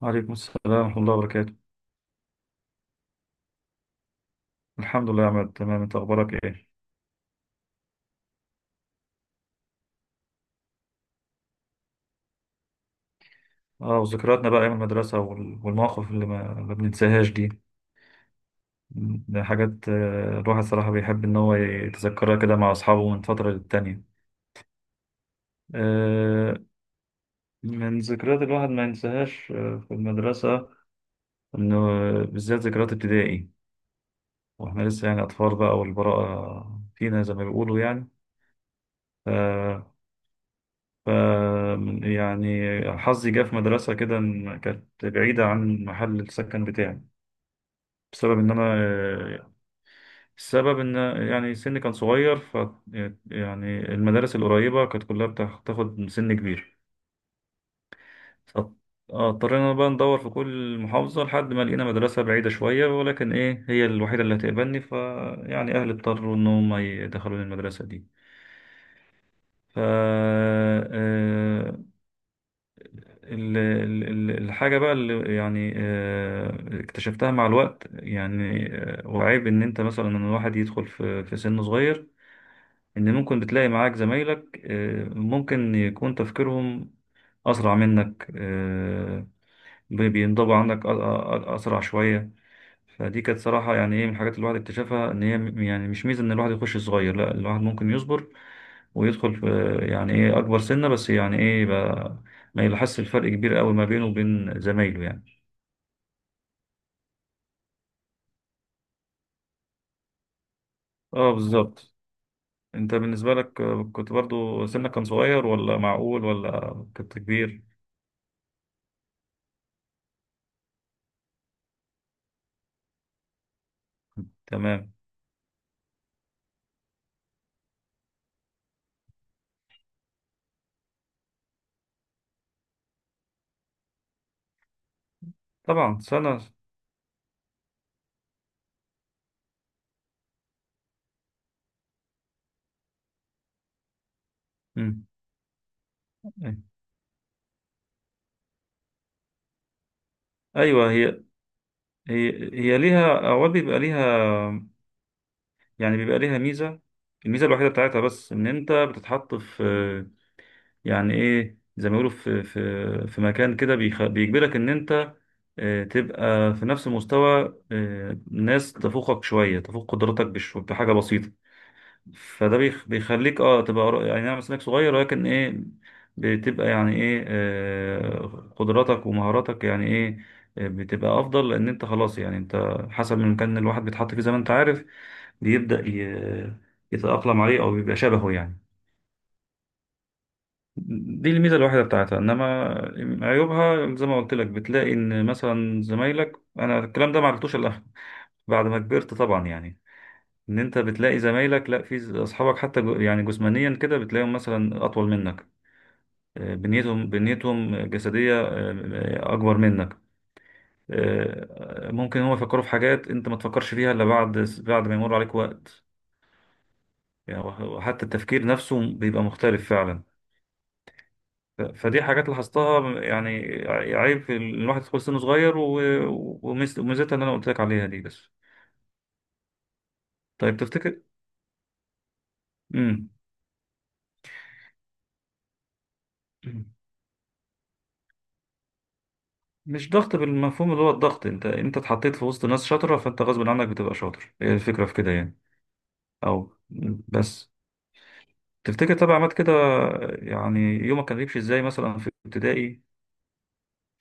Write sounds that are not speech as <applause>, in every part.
وعليكم السلام ورحمة الله وبركاته. الحمد لله يا عماد، تمام. انت اخبارك ايه؟ اه، وذكرياتنا بقى ايام المدرسة والمواقف اللي ما بننساهاش دي. ده حاجات، الواحد صراحة بيحب ان هو يتذكرها كده مع اصحابه من فترة للتانية. آه، من ذكريات الواحد ما ينساهاش، في المدرسة، انه بالذات ذكريات ابتدائي، واحنا لسه يعني اطفال بقى، والبراءة فينا زي ما بيقولوا يعني. آه، ف يعني حظي جه في مدرسة كده، إن كانت بعيدة عن محل السكن بتاعي، بسبب إن أنا السبب إن يعني سني كان صغير. يعني المدارس القريبة كانت كلها بتاخد سن كبير. ف- اضطرينا بقى ندور في كل محافظة لحد ما لقينا مدرسة بعيدة شوية، ولكن إيه، هي الوحيدة اللي هتقبلني، فيعني أهلي اضطروا إن هم يدخلوني المدرسة دي. ف آه، ال- ال- الحاجة بقى اللي يعني، اكتشفتها مع الوقت، يعني وعيب ان انت مثلا، ان الواحد يدخل في سن صغير، ان ممكن بتلاقي معاك زمايلك، ممكن يكون تفكيرهم اسرع منك. بينضبوا عندك اسرع شوية. فدي كانت صراحة، يعني ايه، من الحاجات اللي الواحد اكتشفها، ان هي يعني مش ميزة ان الواحد يخش صغير. لا، الواحد ممكن يصبر ويدخل في، يعني ايه، اكبر سنة، بس يعني ايه بقى، ما يلاحظش الفرق كبير قوي ما بينه وبين زمايله يعني. اه، بالظبط. انت بالنسبة لك، كنت برضو سنك كان صغير، ولا معقول ولا؟ كنت كبير، تمام. طبعا سنة. مم. ايوه، هي هي ليها اوقات بيبقى ليها، يعني بيبقى ليها ميزة. الميزة الوحيدة بتاعتها بس، ان انت بتتحط في، يعني ايه، زي ما بيقولوا، في مكان كده بيجبرك ان انت تبقى في نفس مستوى ناس تفوقك شويه، تفوق قدراتك بحاجه بسيطه. فده بيخليك، اه، تبقى يعني نعم، سنك صغير، ولكن ايه، بتبقى يعني ايه، قدراتك ومهاراتك، يعني ايه، بتبقى افضل، لان انت خلاص يعني، انت حسب المكان اللي الواحد بيتحط فيه زي ما انت عارف، بيبدأ يتأقلم عليه، او بيبقى شبهه يعني. دي الميزة الوحيدة بتاعتها، إنما عيوبها زي ما قلت لك، بتلاقي إن مثلا زمايلك، أنا الكلام ده ما عرفتوش إلا <laughs> بعد ما كبرت طبعا يعني. إن أنت بتلاقي زمايلك لأ، في أصحابك، حتى يعني جسمانيا كده، بتلاقيهم مثلا أطول منك، بنيتهم جسدية أكبر منك، ممكن هم يفكروا في حاجات أنت ما تفكرش فيها إلا بعد ما يمر عليك وقت. يعني وحتى التفكير نفسه بيبقى مختلف فعلا. فدي حاجات لاحظتها يعني. عيب في الواحد يدخل سنه صغير، وميزتها اللي انا قلت لك عليها دي بس. طيب، تفتكر. امم مش ضغط بالمفهوم اللي هو الضغط، انت اتحطيت في وسط ناس شاطره، فانت غصب عنك بتبقى شاطر. هي الفكره في كده يعني. او مم. بس تفتكر، طبعا عملت كده، يعني يومك كان بيمشي ازاي مثلا في ابتدائي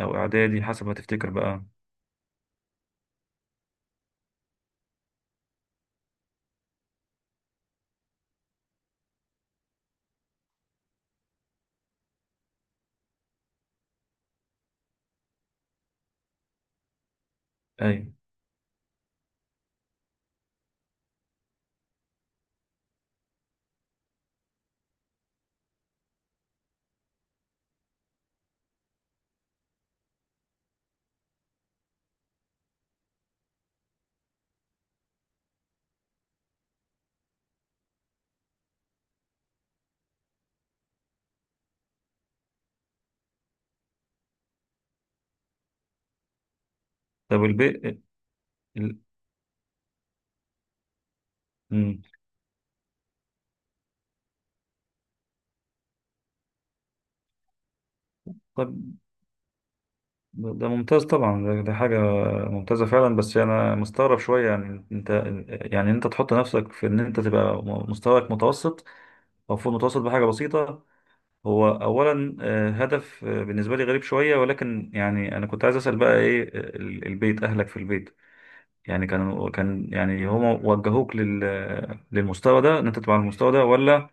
او اعدادي، حسب ما تفتكر بقى. اي. طب، البيت. ال... مم. طب، ده ممتاز طبعا، ده حاجة ممتازة فعلا، بس أنا مستغرب شوية، يعني أنت، يعني أنت تحط نفسك في إن أنت تبقى، مستواك متوسط أو فوق المتوسط بحاجة بسيطة. هو أولا هدف بالنسبة لي غريب شوية، ولكن يعني أنا كنت عايز أسأل بقى إيه، البيت، أهلك في البيت، يعني كان يعني، هم وجهوك للمستوى ده، إن أنت تبقى على المستوى ده ولا؟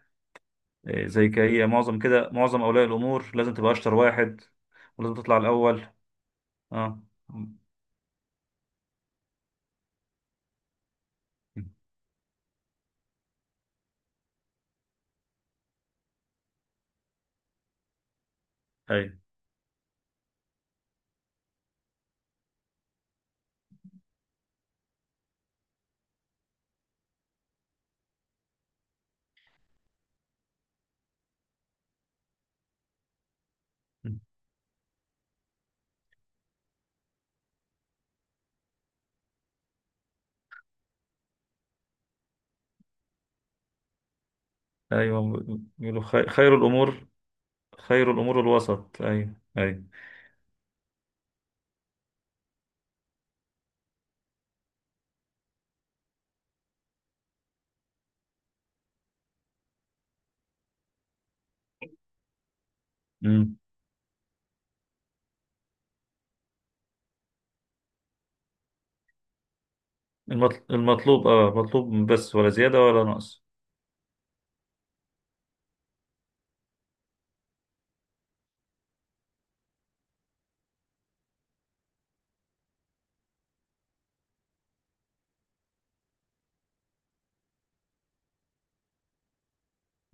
زي كأي معظم كده معظم أولياء الأمور، لازم تبقى أشطر واحد، ولازم تطلع الأول. أه. أيوه، ايوه. بيقولوا خير الامور. خير الامور الوسط. ايوه، ايوه. امم المطلوب، اه، مطلوب بس، ولا زياده ولا نقص.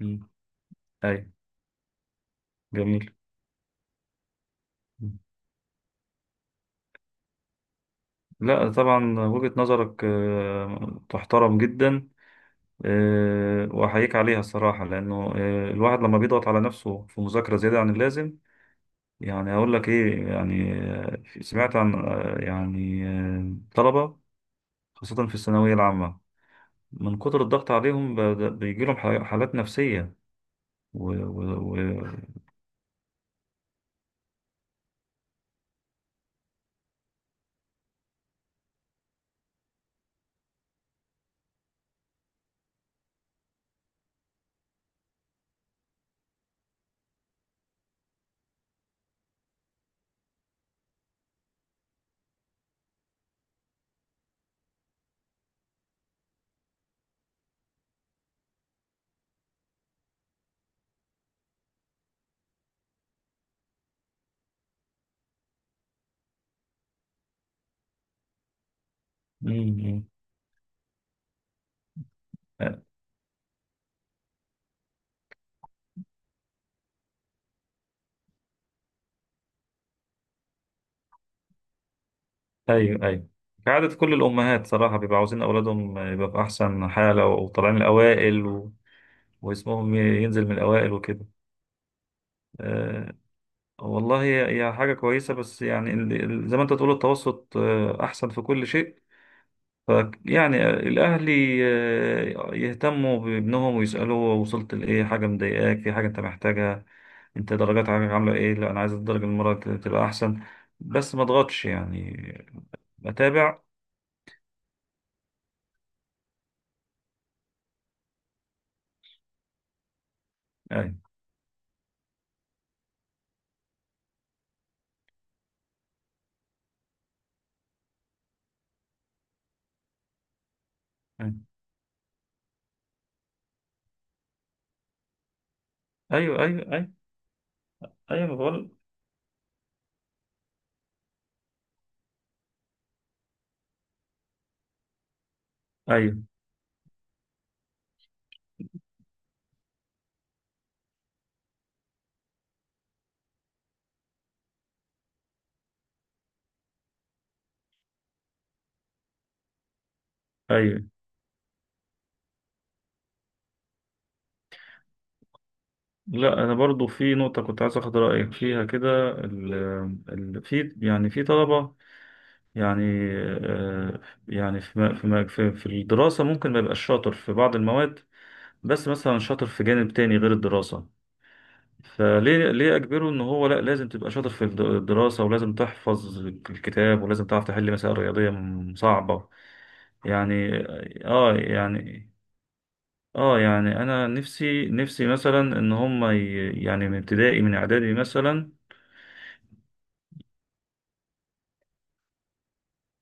امم ايوه. جميل. مم. لا، طبعا وجهة نظرك تحترم جدا. واحييك عليها الصراحه، لانه الواحد لما بيضغط على نفسه في مذاكره زياده عن اللازم، يعني اقول لك ايه، يعني سمعت عن يعني طلبه، خاصه في الثانويه العامه، من كتر الضغط عليهم بيجي لهم حالات نفسية. و... و... و... مم. ايوه، ايوه. كعادة كل الأمهات صراحة بيبقوا عاوزين أولادهم يبقى في أحسن حالة وطالعين الأوائل، واسمهم ينزل من الأوائل وكده. أه. والله، هي حاجة كويسة، بس يعني زي ما أنت تقول التوسط أحسن في كل شيء. ف يعني الأهلي يهتموا بابنهم ويسألوه وصلت لإيه، حاجة مضايقاك، في حاجة أنت محتاجها، أنت درجات عاملة إيه، لا أنا عايز الدرجة المرة دي تبقى أحسن، بس ما أضغطش يعني. أتابع. أيوه، أيوه، أيوه، أيوه، أيوه، أيوه. ما بقول. أيوه، أيوه. لا، أنا برضو في نقطة كنت عايز أخد رأيك فيها كده. ال ال في، يعني، في طلبة، يعني آه، يعني في في في الدراسة، ممكن ما يبقاش شاطر في بعض المواد، بس مثلا شاطر في جانب تاني غير الدراسة. فليه أجبره إن هو لأ، لازم تبقى شاطر في الدراسة، ولازم تحفظ الكتاب، ولازم تعرف تحل مسائل رياضية صعبة. يعني يعني يعني أنا نفسي مثلا إن هما يعني من ابتدائي من إعدادي مثلا،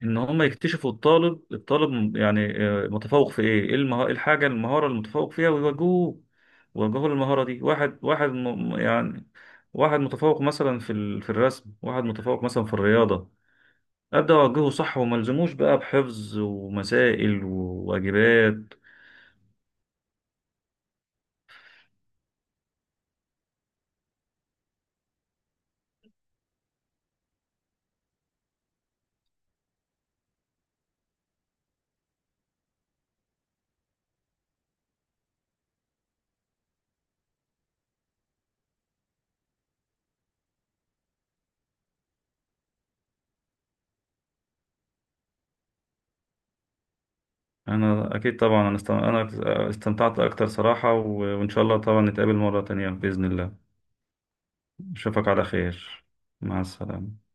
ان هم يكتشفوا الطالب يعني متفوق في ايه إيه الحاجه المهاره المتفوق فيها، ويوجهوه يوجهوه للمهاره دي، واحد واحد. يعني واحد متفوق مثلا في في الرسم، واحد متفوق مثلا في الرياضه. ابدا اوجهه صح، وما الزموش بقى بحفظ ومسائل وواجبات. انا اكيد طبعا. انا استمتعت اكتر صراحه، وان شاء الله طبعا نتقابل مره تانية باذن الله. اشوفك على خير. مع السلامه.